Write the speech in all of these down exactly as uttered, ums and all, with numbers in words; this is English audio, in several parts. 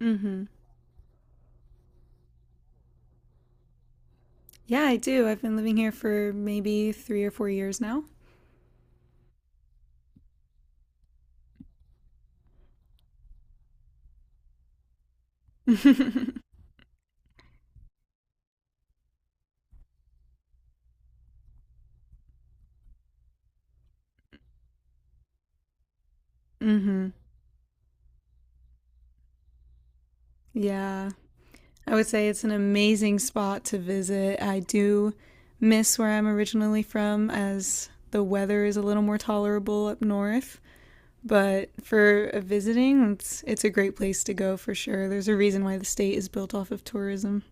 Mm-hmm. Yeah, I do. I've been living here for maybe three or four years now. mm-hmm. Yeah. I would say it's an amazing spot to visit. I do miss where I'm originally from as the weather is a little more tolerable up north. But for uh, visiting, it's it's a great place to go for sure. There's a reason why the state is built off of tourism.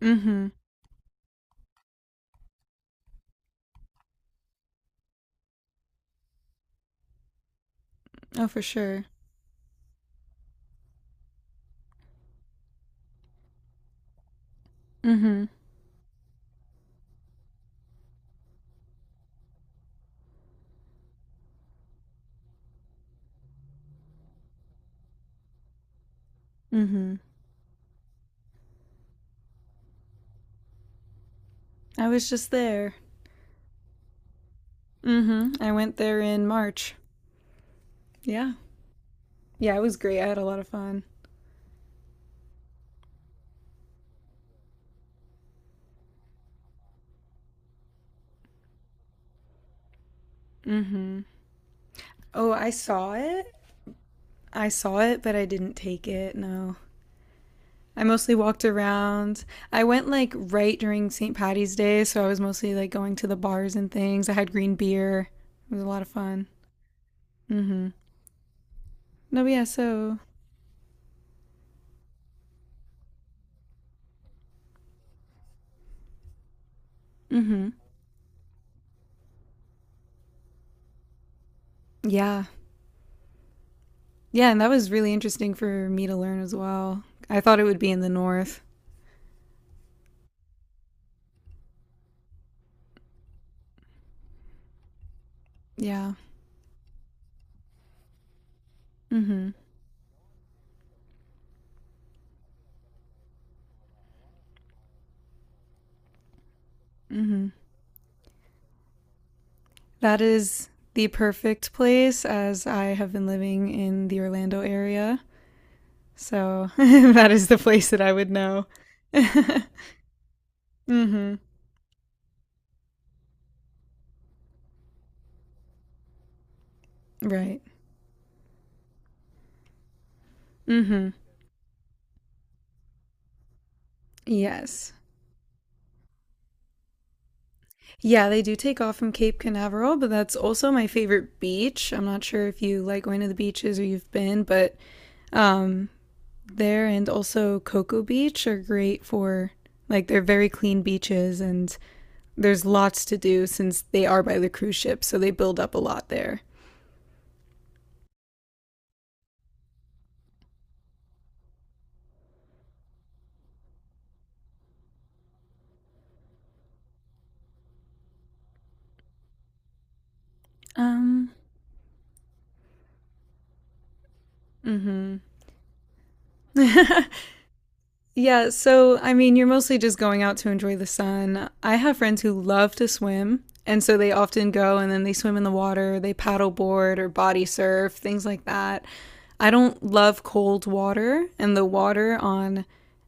Mm-hmm. Oh, for sure. Mm-hmm. Mm-hmm. I was just there. Mm-hmm. I went there in March. Yeah. Yeah, it was great. I had a lot of fun. Oh, I saw it. I saw it, but I didn't take it. No. I mostly walked around. I went like right during Saint Patty's Day, so I was mostly like going to the bars and things. I had green beer. It was a lot of fun. Mm-hmm. No, but yeah, so mm-hmm. Yeah. Yeah, and that was really interesting for me to learn as well. I thought it would be in the north. Yeah. Mm-hmm. Mm-hmm. That is the perfect place as I have been living in the Orlando area. So that is the place that I would know. mm-hmm. Right. Mm-hmm. Yes. Yeah, they do take off from Cape Canaveral, but that's also my favorite beach. I'm not sure if you like going to the beaches or you've been, but um, there and also Cocoa Beach are great for like they're very clean beaches and there's lots to do since they are by the cruise ship, so they build up a lot there. Um, Yeah, so I mean, you're mostly just going out to enjoy the sun. I have friends who love to swim, and so they often go and then they swim in the water, they paddle board or body surf, things like that. I don't love cold water, and the water on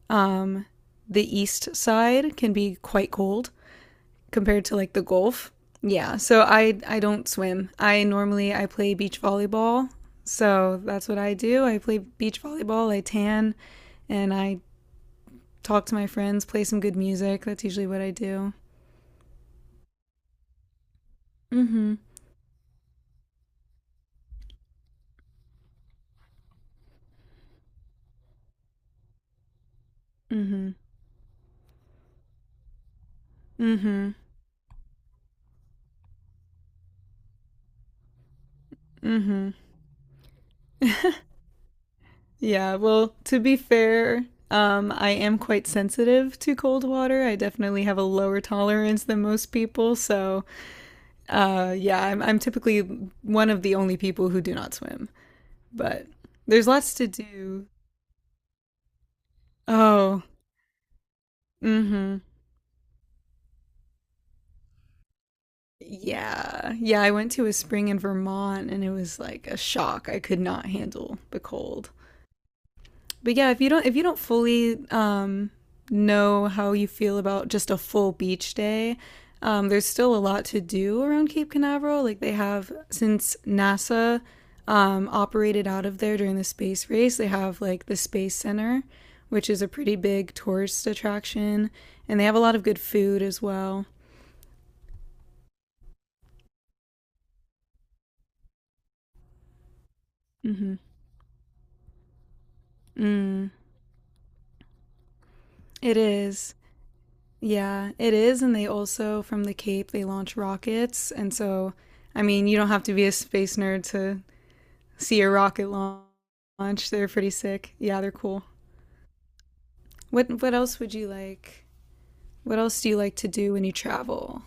um, the east side can be quite cold compared to like the Gulf. Yeah, so I I don't swim. I normally I play beach volleyball. So that's what I do. I play beach volleyball, I tan, and I talk to my friends, play some good music. That's usually what I do. Mm-hmm. Mm-hmm. Mm-hmm. Yeah, well, to be fair, um, I am quite sensitive to cold water. I definitely have a lower tolerance than most people. So, uh, yeah, I'm, I'm typically one of the only people who do not swim. But there's lots to do. Oh, mm-hmm. Yeah. Yeah, I went to a spring in Vermont and it was like a shock. I could not handle the cold. But yeah, if you don't if you don't fully um, know how you feel about just a full beach day, um, there's still a lot to do around Cape Canaveral. Like they have since NASA um, operated out of there during the space race, they have like the Space Center, which is a pretty big tourist attraction, and they have a lot of good food as well. Mm, it is. Yeah, it is. And they also, from the Cape, they launch rockets. And so, I mean, you don't have to be a space nerd to see a rocket launch. They're pretty sick. Yeah, they're cool. What what else would you like? What else do you like to do when you travel?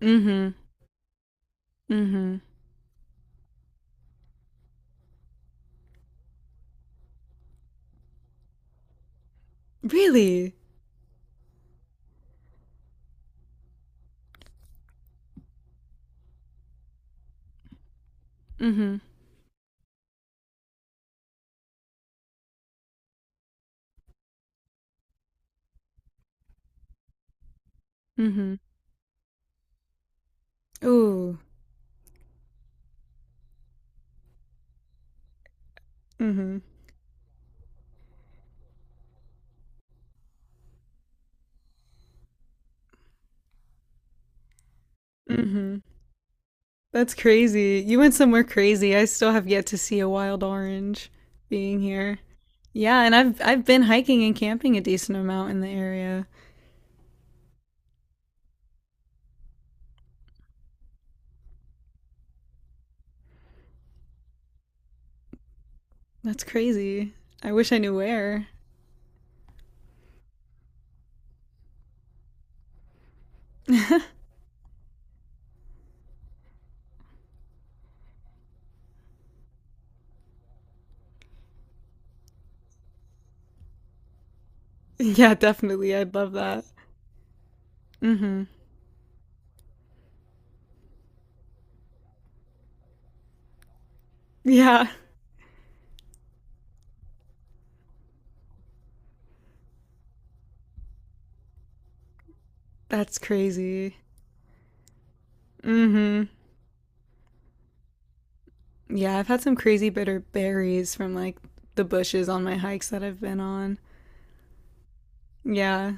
Mm-hmm. Mm-hmm. Really? Mm-hmm. Mm-hmm. Ooh. Mm-hmm. Mm-hmm. That's crazy. You went somewhere crazy. I still have yet to see a wild orange being here. Yeah, and I've I've been hiking and camping a decent amount in the area. That's crazy. I wish I knew where. Yeah, definitely. I'd love that. Mhm. Yeah. That's crazy. Mm-hmm. Yeah, I've had some crazy bitter berries from like the bushes on my hikes that I've been on. Yeah.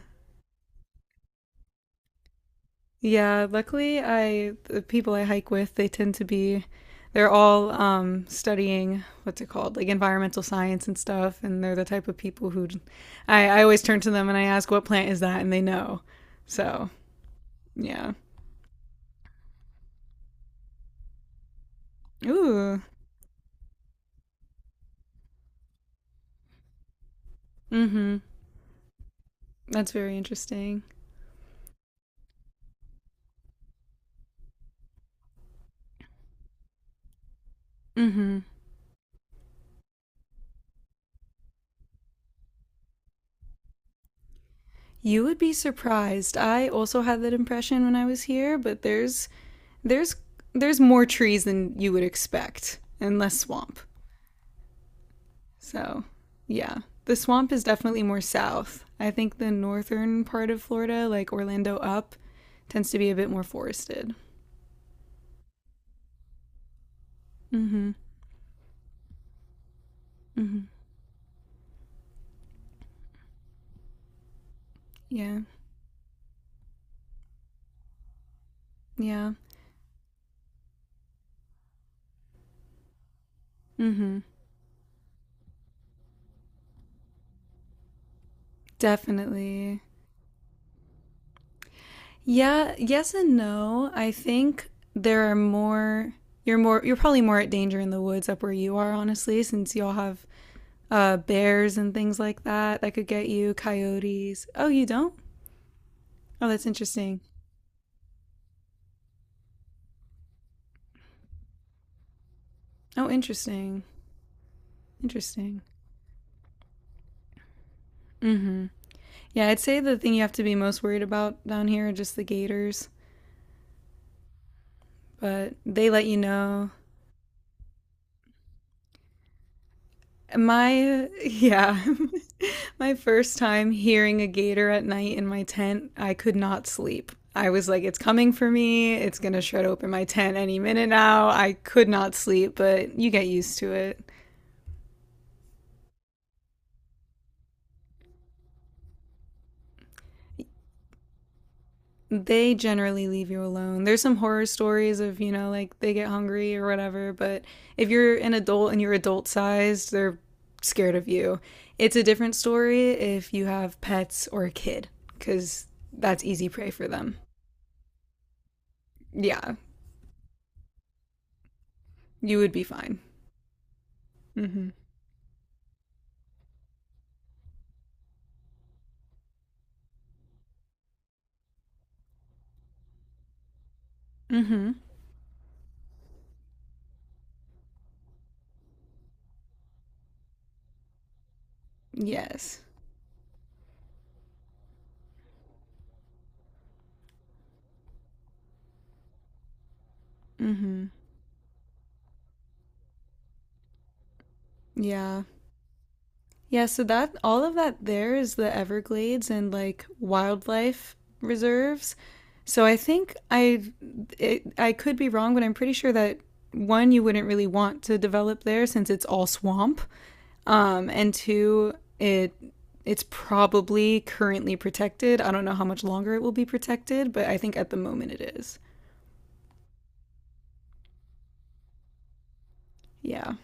Yeah, luckily I the people I hike with, they tend to be they're all um studying what's it called? Like environmental science and stuff, and they're the type of people who I, I always turn to them and I ask what plant is that and they know. So yeah. Ooh. Hmm. That's very interesting. Hmm. You would be surprised. I also had that impression when I was here, but there's there's there's more trees than you would expect and less swamp. So, yeah. The swamp is definitely more south. I think the northern part of Florida, like Orlando up, tends to be a bit more forested. Mhm. Mhm. Yeah. Yeah. Mhm. Definitely. Yeah, yes and no. I think there are more you're more you're probably more at danger in the woods up where you are honestly since y'all have uh bears and things like that that could get you, coyotes. Oh, you don't? Oh, that's interesting. Oh, interesting. Interesting. Mhm. Yeah, I'd say the thing you have to be most worried about down here are just the gators, but they let you know. My Yeah. My first time hearing a gator at night in my tent, I could not sleep. I was like, it's coming for me. It's going to shred open my tent any minute now. I could not sleep, but you get used to it. They generally leave you alone. There's some horror stories of, you know, like they get hungry or whatever, but if you're an adult and you're adult sized, they're scared of you. It's a different story if you have pets or a kid, because that's easy prey for them. Yeah, you would be fine. Mm hmm. Mm hmm. Yes. Mhm. Yeah. Yeah, so that all of that there is the Everglades and like wildlife reserves. So I think I it, I could be wrong, but I'm pretty sure that one you wouldn't really want to develop there since it's all swamp. Um and two, it it's probably currently protected. I don't know how much longer it will be protected, but I think at the moment it is. Yeah.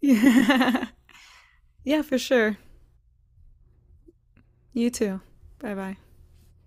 Yeah. Yeah, for sure. You too. Bye-bye.